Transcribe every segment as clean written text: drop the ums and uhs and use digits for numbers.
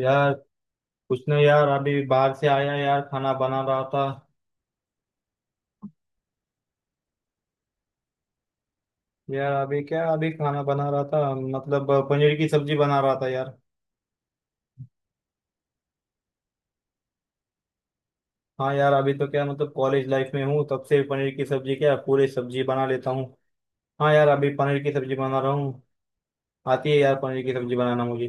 यार कुछ नहीं यार, अभी बाहर से आया यार, खाना बना रहा था। यार अभी क्या, अभी खाना बना रहा था, मतलब पनीर की सब्जी बना रहा था यार। हाँ यार, अभी तो क्या, मतलब कॉलेज लाइफ में हूँ तब से पनीर की सब्जी क्या, पूरी सब्जी बना लेता हूँ। हाँ यार, अभी पनीर की सब्जी बना रहा हूँ। आती है यार, पनीर की सब्जी बनाना मुझे।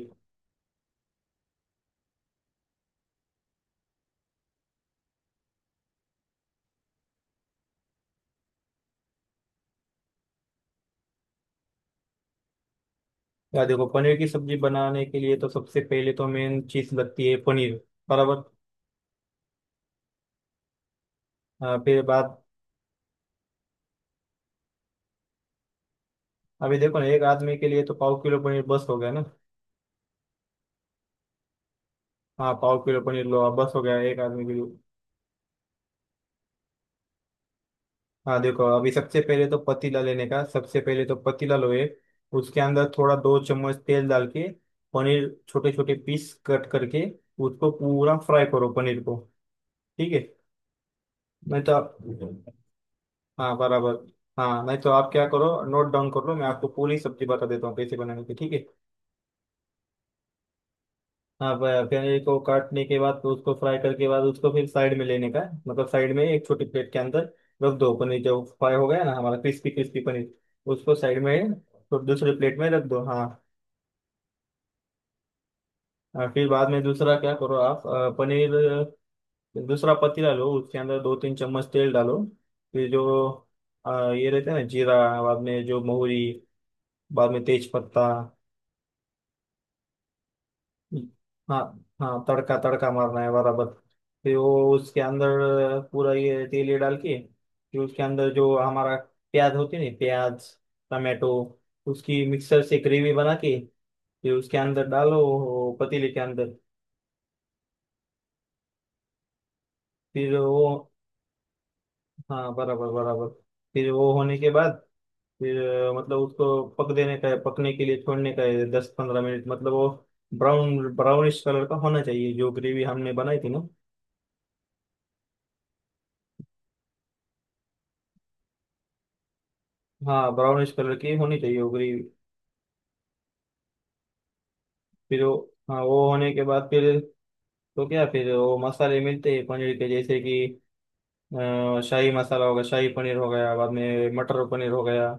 यार देखो, पनीर की सब्जी बनाने के लिए तो सबसे पहले तो मेन चीज लगती है पनीर। बराबर। हाँ, फिर बात। अभी देखो ना, एक आदमी के लिए तो पाव किलो पनीर बस हो गया ना। हाँ, पाव किलो पनीर लो, बस हो गया एक आदमी के लिए। हाँ देखो, अभी सबसे पहले तो पतीला लेने का, सबसे पहले तो पतीला लोए। उसके अंदर थोड़ा दो चम्मच तेल डाल के, पनीर छोटे छोटे पीस कट करके उसको पूरा फ्राई करो पनीर को। ठीक है। नहीं तो आप, हाँ बराबर। हाँ नहीं तो आप क्या करो, नोट डाउन कर लो, मैं आपको पूरी सब्जी बता देता हूँ कैसे बनाने की, ठीक है। हाँ, पनीर को काटने के बाद तो उसको फ्राई करके बाद उसको फिर साइड में लेने का है, मतलब साइड में एक छोटी प्लेट के अंदर रख दो पनीर जो फ्राई हो गया ना, हमारा क्रिस्पी क्रिस्पी पनीर, उसको साइड में, तो दूसरे प्लेट में रख दो, हाँ। और फिर बाद में दूसरा क्या करो आप, पनीर, दूसरा पतीला लो, उसके अंदर दो तीन चम्मच तेल डालो। फिर जो ये रहते हैं ना जीरा, बाद में जो मोहरी, बाद में तेज पत्ता। हाँ, हाँ तड़का तड़का मारना है, बराबर। फिर वो उसके अंदर पूरा ये तेल ये डाल के, फिर उसके अंदर जो हमारा प्याज होती है ना, प्याज, टमाटो, उसकी मिक्सर से ग्रेवी बना के फिर उसके अंदर डालो वो पतीले के अंदर। फिर वो, हाँ बराबर बराबर। फिर वो होने के बाद फिर मतलब उसको पक देने का है, पकने के लिए छोड़ने का है दस पंद्रह मिनट, मतलब वो ब्राउन ब्राउनिश कलर का होना चाहिए जो ग्रेवी हमने बनाई थी ना। हाँ, ब्राउनिश कलर की होनी चाहिए उगली। फिर वो, हाँ वो होने के बाद फिर तो क्या, फिर वो मसाले मिलते हैं पनीर के, जैसे कि शाही मसाला हो गया, शाही पनीर हो गया, बाद में मटर पनीर हो गया,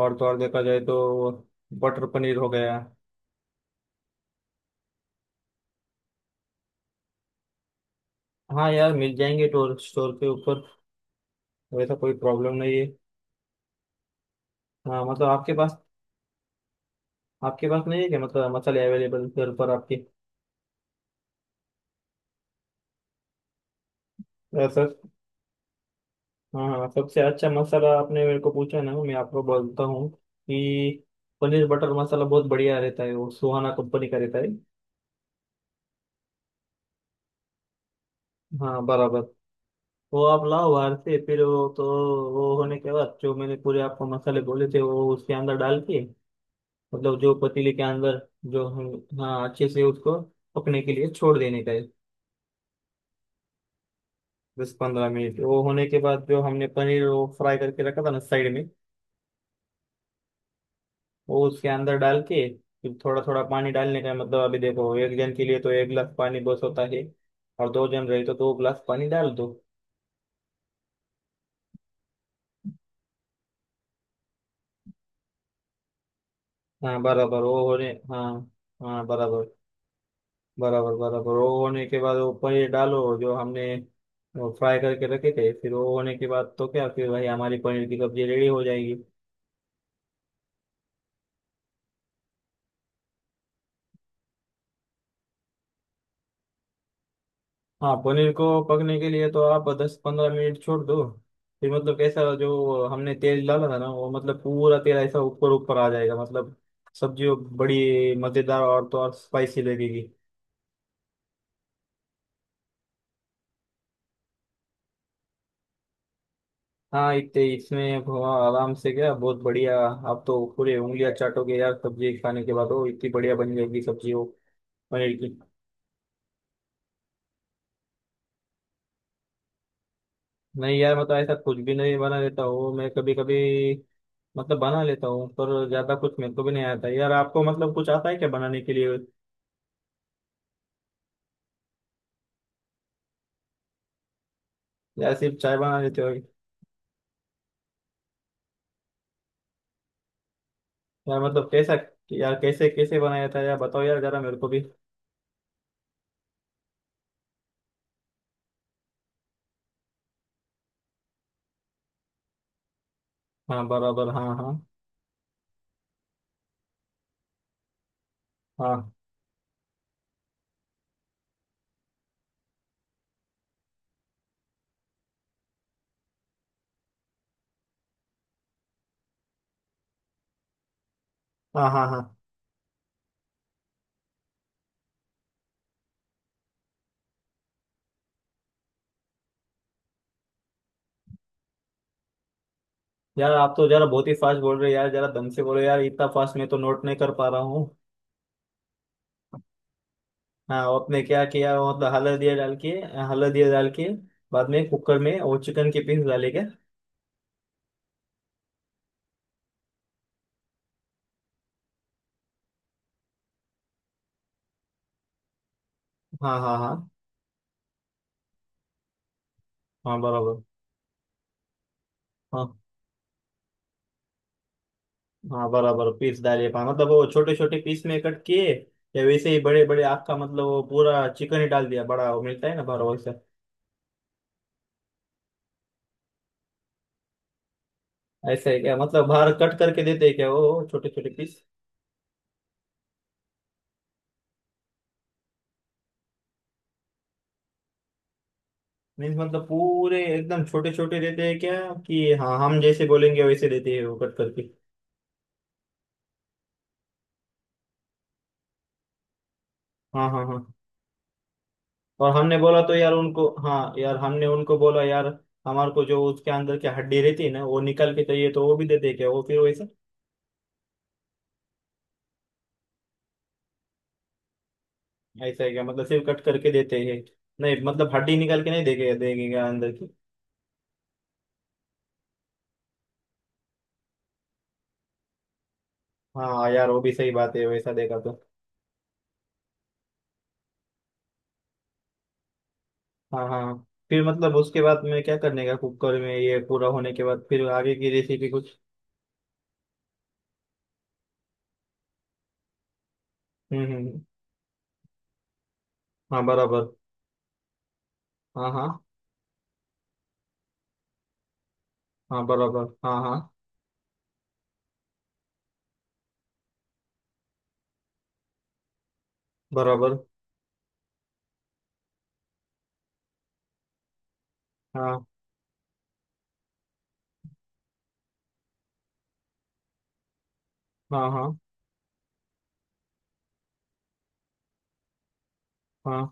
और तो और देखा जाए तो बटर पनीर हो गया। हाँ यार, मिल जाएंगे स्टोर स्टोर के ऊपर, वैसा कोई प्रॉब्लम नहीं है। हाँ मतलब आपके पास, आपके पास नहीं है क्या, मतलब मसाले अवेलेबल घर पर आपके? ऐसा। हाँ, सबसे अच्छा मसाला आपने मेरे को पूछा ना, मैं आपको बोलता हूँ कि पनीर बटर मसाला बहुत बढ़िया रहता है, वो सुहाना कंपनी का रहता है। हाँ बराबर। वो आप लाओ बाहर से, फिर वो तो, वो होने के बाद जो मैंने पूरे आपको मसाले बोले थे वो उसके अंदर डाल के, मतलब जो पतीले के अंदर, जो हम, हाँ अच्छे से उसको पकने के लिए छोड़ देने का है। दस पंद्रह मिनट वो होने के बाद जो हमने पनीर वो फ्राई करके रखा था ना साइड में, वो उसके अंदर डाल के, फिर थोड़ा थोड़ा पानी डालने का है। मतलब अभी देखो, एक जन के लिए तो एक गिलास पानी बस होता है, और दो जन रहे तो दो गिलास पानी डाल दो। हाँ बराबर वो होने, हाँ, हाँ बराबर बराबर। बराबर वो होने के बाद वो पनीर डालो जो हमने फ्राई करके रखे थे, फिर वो होने के बाद तो क्या, फिर भाई हमारी पनीर की सब्जी रेडी हो जाएगी। हाँ, पनीर को पकने के लिए तो आप दस पंद्रह मिनट छोड़ दो, फिर मतलब कैसा, जो हमने तेल डाला था ना, वो मतलब पूरा तेल ऐसा ऊपर ऊपर आ जाएगा, मतलब सब्जी वो बड़ी मज़ेदार और तो और स्पाइसी लगेगी। हाँ इतने, इसमें आप आराम से क्या, बहुत बढ़िया। आप तो पूरे उंगलियां चाटोगे यार सब्जी खाने के बाद, वो इतनी बढ़िया बन जाएगी सब्जी वो, पनीर की। नहीं यार, मतलब ऐसा, कुछ भी नहीं, बना लेता हूँ मैं कभी कभी, मतलब बना लेता हूँ पर ज्यादा कुछ मेरे को भी नहीं आता। यार आपको मतलब कुछ आता है क्या बनाने के लिए? यार सिर्फ चाय बना लेते हो? यार मतलब कैसा, यार कैसे कैसे बनाया था यार, बताओ यार जरा मेरे को भी। हाँ बराबर, हाँ हाँ। हाँ हाँ। हाँ हाँ। यार आप तो जरा बहुत ही फास्ट बोल रहे हो यार, जरा दम से बोलो यार, इतना फास्ट मैं तो नोट नहीं कर पा रहा हूँ। हाँ आपने क्या किया वो, मतलब हल्दिया डाल के, हल्दिया डाल के बाद में कुकर में वो चिकन के पीस डाले क्या? हाँ हाँ हाँ। हाँ बराबर, हाँ हाँ। बराबर पीस डाले हाँ, मतलब वो छोटे छोटे पीस में कट किए, या वैसे ही बड़े बड़े आपका, मतलब वो पूरा चिकन ही डाल दिया बड़ा, वो मिलता है ना, बराबर। ऐसा है क्या, मतलब बाहर कट करके देते हैं क्या वो छोटे छोटे पीस? मीन्स मतलब पूरे एकदम छोटे छोटे देते हैं क्या, कि हाँ हम जैसे बोलेंगे वैसे देते हैं वो कट करके? हाँ हाँ हाँ। और हमने बोला तो यार उनको, हाँ यार हमने उनको बोला यार, हमारे को जो उसके अंदर की हड्डी रहती है ना, वो निकाल के चाहिए तो वो भी देते हैं क्या वो, फिर वैसा। ऐसा है क्या, मतलब सिर्फ कट करके देते हैं? नहीं मतलब हड्डी निकाल के नहीं देंगे, देंगे क्या अंदर की? हाँ यार वो भी सही बात है, वैसा देखा तो। हाँ हाँ। फिर मतलब उसके बाद में क्या करने का, कुकर में ये पूरा होने के बाद फिर आगे की रेसिपी कुछ? हम्म हम्म हम्म। हाँ बराबर, हाँ हाँ। हाँ बराबर, हाँ हाँ। बराबर, हाँ हाँ। हाँ हाँ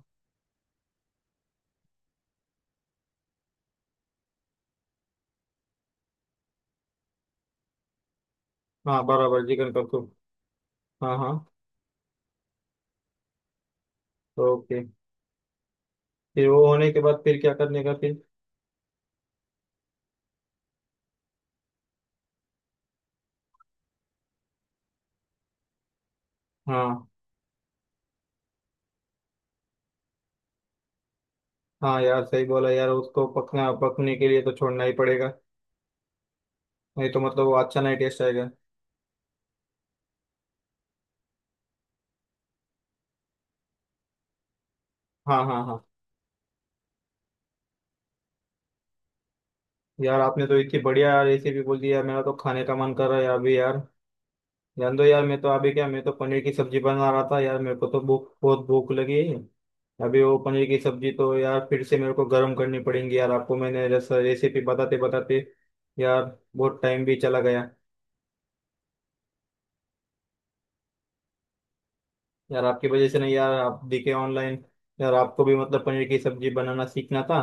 हाँ बराबर चिकन का कुक, हाँ हाँ। ओके। फिर वो होने के बाद फिर क्या करने का फिर? हाँ हाँ। यार सही बोला यार, उसको पकना, पकने के लिए तो छोड़ना ही पड़ेगा, नहीं तो मतलब वो अच्छा नहीं टेस्ट आएगा। हाँ हाँ हाँ। यार आपने तो इतनी बढ़िया रेसिपी बोल दी यार, मेरा तो खाने का मन कर रहा है अभी यार। जान दो यार, मैं तो अभी क्या, मैं तो पनीर की सब्जी बना रहा था यार, मेरे को तो भूख, बहुत भूख लगी है। अभी वो पनीर की सब्जी तो यार फिर से मेरे को गर्म करनी पड़ेगी, यार आपको मैंने रेसिपी बताते बताते यार बहुत टाइम भी चला गया। यार आपकी वजह से नहीं यार, आप दिखे ऑनलाइन, यार आपको भी मतलब पनीर की सब्जी बनाना सीखना था,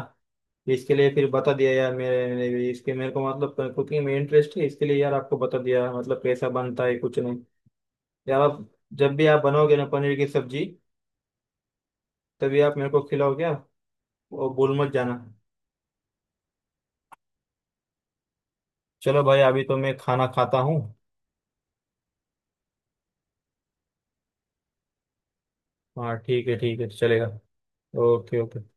इसके लिए फिर बता दिया यार। मेरे भी इसके, मेरे को मतलब कुकिंग में इंटरेस्ट है, इसके लिए यार आपको बता दिया मतलब कैसा बनता है कुछ नहीं। यार आप जब भी आप बनाओगे ना पनीर की सब्जी, तभी आप मेरे को खिलाओ क्या, वो भूल मत जाना। चलो भाई, अभी तो मैं खाना खाता हूँ। हाँ ठीक है, ठीक है तो चलेगा। Okay okay.